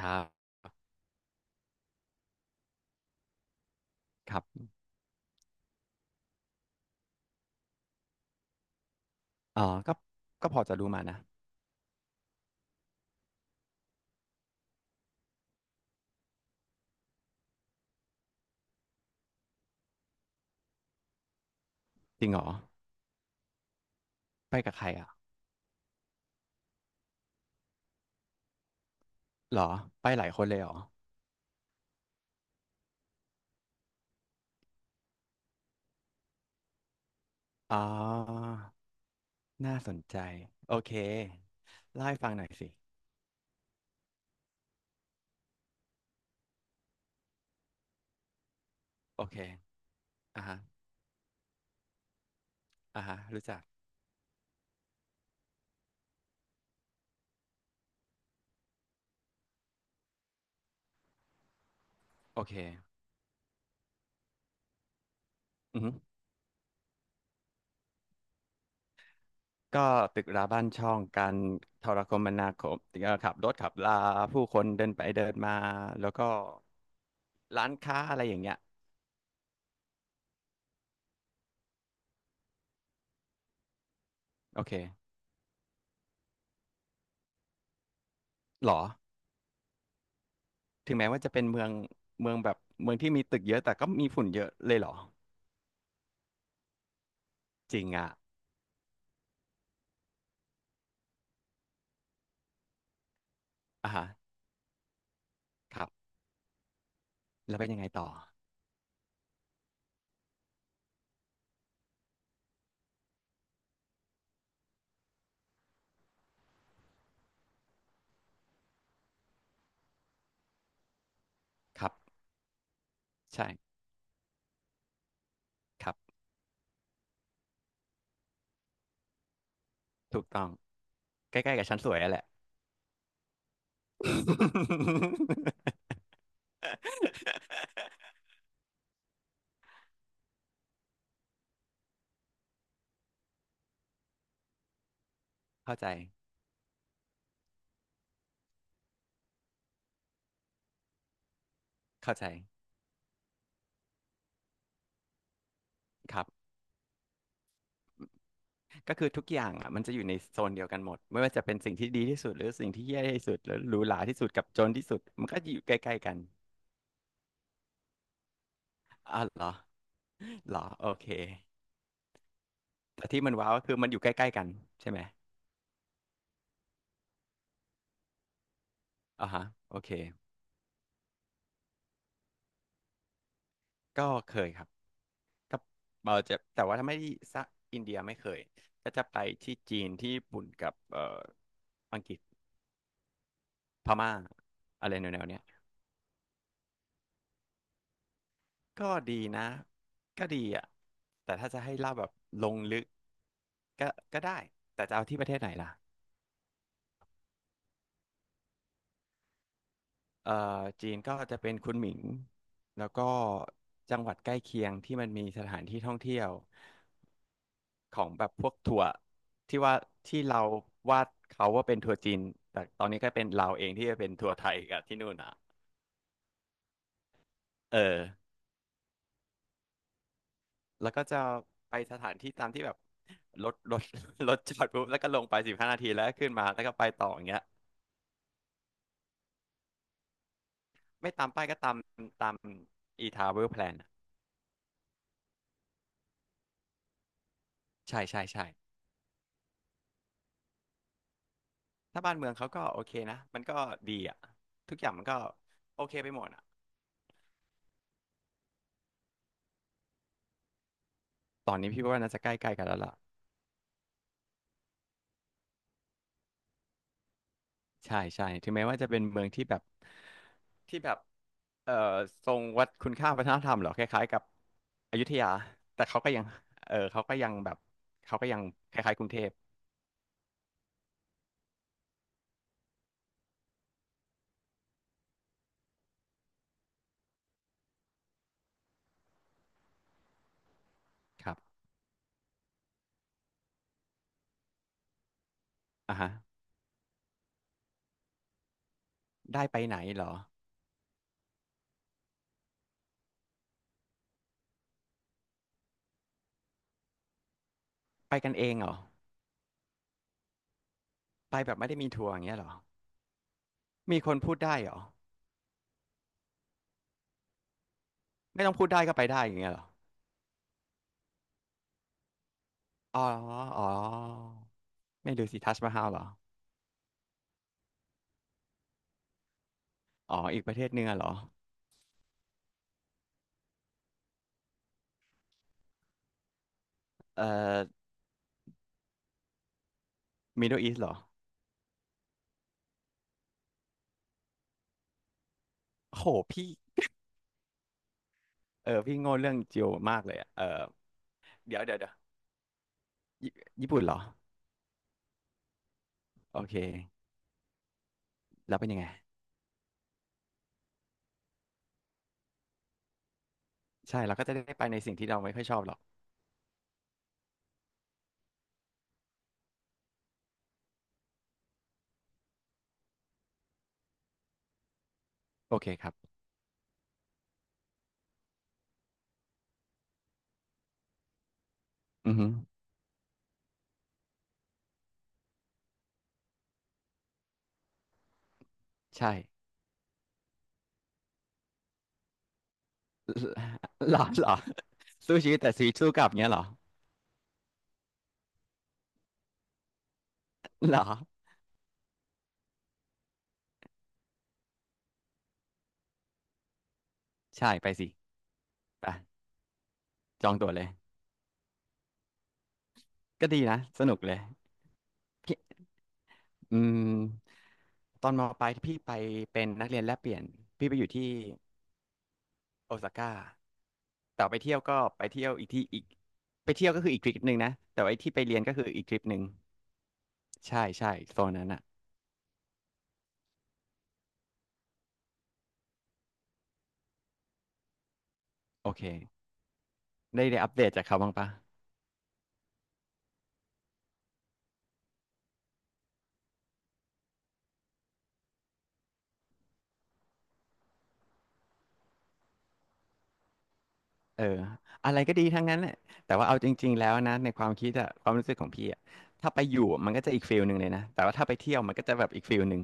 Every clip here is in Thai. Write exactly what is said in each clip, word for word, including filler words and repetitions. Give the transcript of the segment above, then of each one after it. ครับครับเออก็ก็พอจะรู้มานะจริงเหรอไปกับใครอ่ะเหรอไปหลายคนเลยเหรออ๋อน่าสนใจโอเคเล่าให้ฟังหน่อยสิโอเคอ่าฮะอ่าฮะรู้จักโอเคอือฮึก็ตึกราบ้านช่องการโทรคมนาคมเอ่อขับรถขับลาผู้คนเดินไปเดินมาแล้วก็ร้านค้าอะไรอย่างเงี้ยโอเคเหรอถึงแม้ว่าจะเป็นเมืองเมืองแบบเมืองที่มีตึกเยอะแต่ก็มีฝุ่นเยอะเลยเหรอ จริงอ่ะอ่าฮะครับแล้วเป็นยังไงต่อครับใช่ครับ ถูกต้องใกล้ๆกับชั้นสวยอะแหละ เข้าใจเข้าใจครับก็คือทุกอย่างอ่ะมันจะอยู่ในโซนเดียวกันหมดไม่ว่าจะเป็นสิ่งที่ดีที่สุดหรือสิ่งที่แย่ที่สุดหรือหรูหราที่สุดกับจนที่สุดมันก็อยู่ใกล้ๆกันอาวเหรอเหรอโอเคแต่ที่มันว้าวก็คือมันอยู่ใกล้ๆกันใช่ไหมอ่าฮะโอเคก็เคยครับ ถ้าเราจะแต่ว่าถ้าไม่ที่ซะอินเดียไม่เคยก็จะไปที่จีนที่ญี่ปุ่นกับเอ่ออังกฤษพม่าอะไรแนวๆเนี้ยก็ดีนะก็ดีอ่ะแต่ถ้าจะให้เล่าแบบลงลึกก็ก็ได้แต่จะเอาที่ประเทศไหนล่ะเอ่อจีนก็จะเป็นคุนหมิงแล้วก็จังหวัดใกล้เคียงที่มันมีสถานที่ท่องเที่ยว ของแบบพวกถั่วที่ว่าที่เราวาดเขาว่าเป็นถั่วจีนแต่ตอนนี้ก็เป็นเราเองที่จะเป็นถั่วไทยกับที่นู่นอ่ะเออแล้วก็จะไปสถานที่ตามที่แบบรถรถรถจอดปุ๊บแล้วก็ลงไปสิบห้านาทีแล้วก็ขึ้นมาแล้วก็ไปต่ออย่างเงี้ยไม่ตามป้ายก็ตามตาม อี แทรเวล แพลน อะใช่ใช่ใช่ถ้าบ้านเมืองเขาก็โอเคนะมันก็ดีอ่ะทุกอย่างมันก็โอเคไปหมดอ่ะตอนนี้พี่ว่าน่าจะใกล้ๆกันแล้วล่ะใช่ใช่ถึงแม้ว่าจะเป็นเมืองที่แบบ ที่แบบเอ่อทรงวัดคุณค่าวัฒนธรรมเหรอคล้ายๆกับอยุธยาแต่เขาก็ยังเออเขาก็ยังแบบเขาก็ยังคล้ายๆกรุงเทพครับอ่ะฮะได้ไปไหนเหรอไปกันเองเหรอไปแบบไม่ได้มีทัวร์อย่างเงี้ยเหรอมีคนพูดได้เหรอไม่ต้องพูดได้ก็ไปได้อย่างเงี้ยเหรออ๋ออ๋อไม่ดูสิทัชมาฮาลเหรออ๋ออีกประเทศหนึงอะเหรอเอ่อมิดเดิลอีสเหรอโหพี่เออพี่โง่เรื่องจิโอมากเลยอะเออเดี๋ยวเดี๋ยวเดี๋ยวญี่ญี่ปุ่นเหรอโอเค แล้วเป็นยังไงใช่เราก็จะได้ไปในสิ่งที่เราไม่ค่อยชอบหรอกโอเคครับอือฮึใช่ หรอหรอสู้ชีวิตแต่ชีวิตสู้กลับเงี้ยเหรอหรอใช่ไปสิไปจองตั๋วเลยก็ดีนะสนุกเลยพี่อืมตอนมปลายพี่ไปเป็นนักเรียนแลกเปลี่ยนพี่ไปอยู่ที่โอซาก้าแต่ไปเที่ยวก็ไปเที่ยวอีกที่อีกไปเที่ยวก็คืออีกทริปหนึ่งนะแต่ว่าไอ้ที่ไปเรียนก็คืออีกทริปหนึ่งใช่ใช่โซนนั้นอ่ะโอเคได้ได้อัปเดตจากเขาบ้างปะ เอออะไรก็ดีทั้งนั้นแหละแต่ว่าเอาจริงๆแล้วนะในความคิดอะความรู้สึกของพี่อะถ้าไปอยู่มันก็จะอีกฟีลหนึ่งเลยนะแต่ว่าถ้าไปเที่ยวมันก็จะแบบอีกฟีลหนึ่ง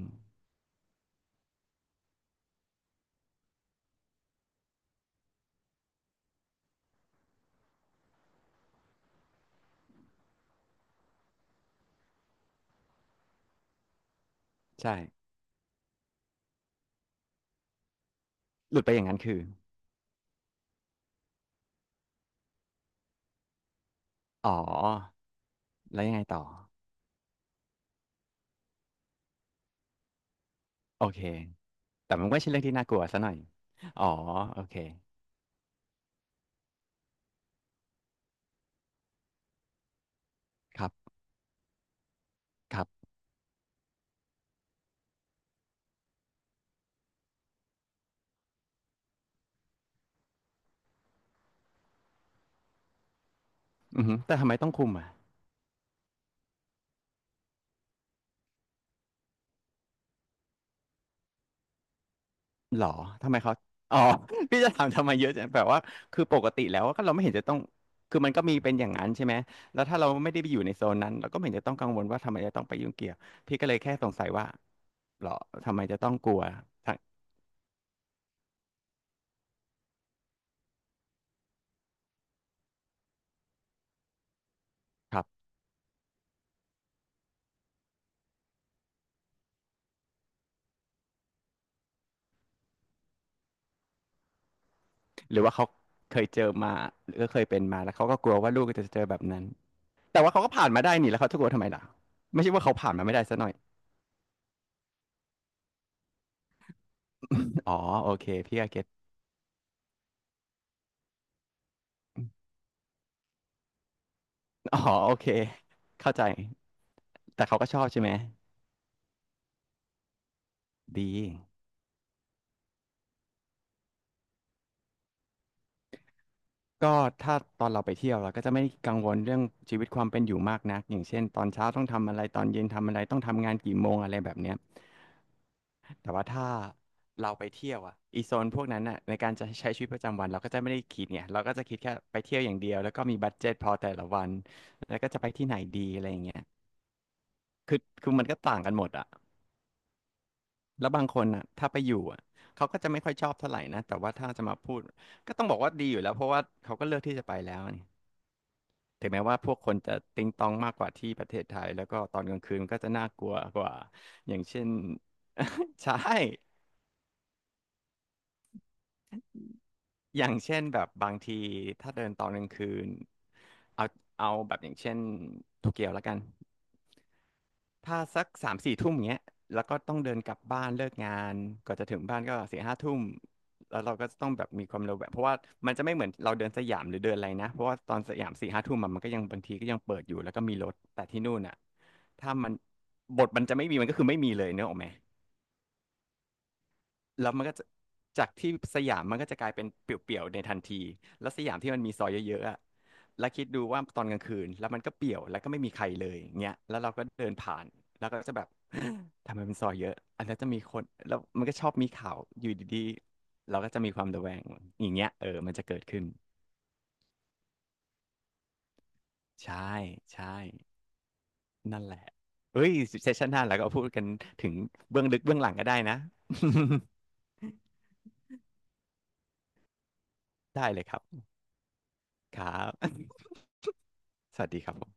ใช่หลุดไปอย่างนั้นคืออ๋อแล้วยังไงต่อโอเคแต่มันไม่ใช่เรื่องที่น่ากลัวซะหน่อยอ๋อโอเคครับครับอือฮึแต่ทำไมต้องคุมอะ หรอทำไมเขาอ๋อ พี่จะถามทำไมเยอะจังแบบว่าคือปกติแล้วก็เราไม่เห็นจะต้องคือมันก็มีเป็นอย่างนั้นใช่ไหมแล้วถ้าเราไม่ได้ไปอยู่ในโซนนั้นเราก็ไม่เห็นจะต้องกังวลว่าทำไมจะต้องไปยุ่งเกี่ยวพี่ก็เลยแค่สงสัยว่าหรอทำไมจะต้องกลัวทั้งครับหรือว่าเขาเคยเจอมาหรือเคยเป็นมาแล้วเขาก็กลัวว่าลูกจะเจอแบบนั้นแต่ว่าเขาก็ผ่านมาได้นี่แล้วเขาจะกลัวทำไมล่ะไม่ใช่ว่าเขาผ่านมาไม่ได้ซะหน่อยอ๋อโอเคพี่ก็เก็ตอ๋อโอเคเข้าใจแต่เขาก็ชอบใช่ไหมดี ก็ถ้าตอนเราไปเที่ยวเราก็จะไม่กังวลเรื่องชีวิตความเป็นอยู่มากนักอย่างเช่นตอนเช้าต้องทำอะไรตอนเย็นทำอะไรต้องทำงานกี่โมงอะไรแบบเนี้ยแต่ว่าถ้าเราไปเที่ยวอ่ะอีโซนพวกนั้นอ่ะในการจะใช้ชีวิตประจำวันเราก็จะไม่ได้คิดไงเราก็จะคิดแค่ไปเที่ยวอย่างเดียวแล้วก็มีบัดเจ็ตพอแต่ละวันแล้วก็จะไปที่ไหนดีอะไรอย่างเงี้ยคือคือมันก็ต่างกันหมดอ่ะแล้วบางคนอ่ะถ้าไปอยู่อ่ะเขาก็จะไม่ค่อยชอบเท่าไหร่นะแต่ว่าถ้าจะมาพูดก็ต้องบอกว่าดีอยู่แล้วเพราะว่าเขาก็เลือกที่จะไปแล้วนี่ ถึงแม้ว่าพวกคนจะติงตองมากกว่าที่ประเทศไทยแล้วก็ตอนกลางคืนก็จะน่ากลัวกว่าอย่างเช่น ใช่อย่างเช่นแบบบางทีถ้าเดินตอนกลางคืนเอาเอาแบบอย่างเช่นโตเกียวแล้วกัน ถ้าสักสามสี่ทุ่มเงี้ยแล้วก็ต้องเดินกลับบ้านเลิกงานกว่อนจะถึงบ้านก็สี่ห้าทุ่มแล้วเราก็ต้องแบบมีความเร็วแบบเพราะว่ามันจะไม่เหมือนเราเดินสยามหรือเดินอะไรนะเพราะว่าตอนสยามสี่ห้าทุ่มอะมันก็ยังบางทีก็ยังเปิดอยู่แล้วก็มีรถแต่ที่นู่นอ่ะถ้ามันบทมันจะไม่มีมันก็คือไม่มีเลยเนกอะไหม แล้วมันก็จะจากที่สยามมันก็จะกลายเป็นเปลี่ยวๆในทันทีแล้วสยามที่มันมีซอยเยอะๆอะแล้วคิดดูว่าตอนกลางคืนแล้วมันก็เปลี่ยวแล้วก็ไม่มีใครเลยเงี้ยแล้วเราก็เดินผ่านแล้วก็จะแบบ ทำไมเป็นซอยเยอะอันนั้นจะมีคนแล้วมันก็ชอบมีข่าวอยู่ดีๆเราก็จะมีความระแวงอย่างเงี้ยเออมันจะเกิดขึ้นใช่ใช่นั่นแหละเฮ้ยเซสชันหน้าเราก็พูดกันถึงเบื้องลึกเบื้องหลังก็ได้นะ ได้เลยครับครับ สวัสดีครับผม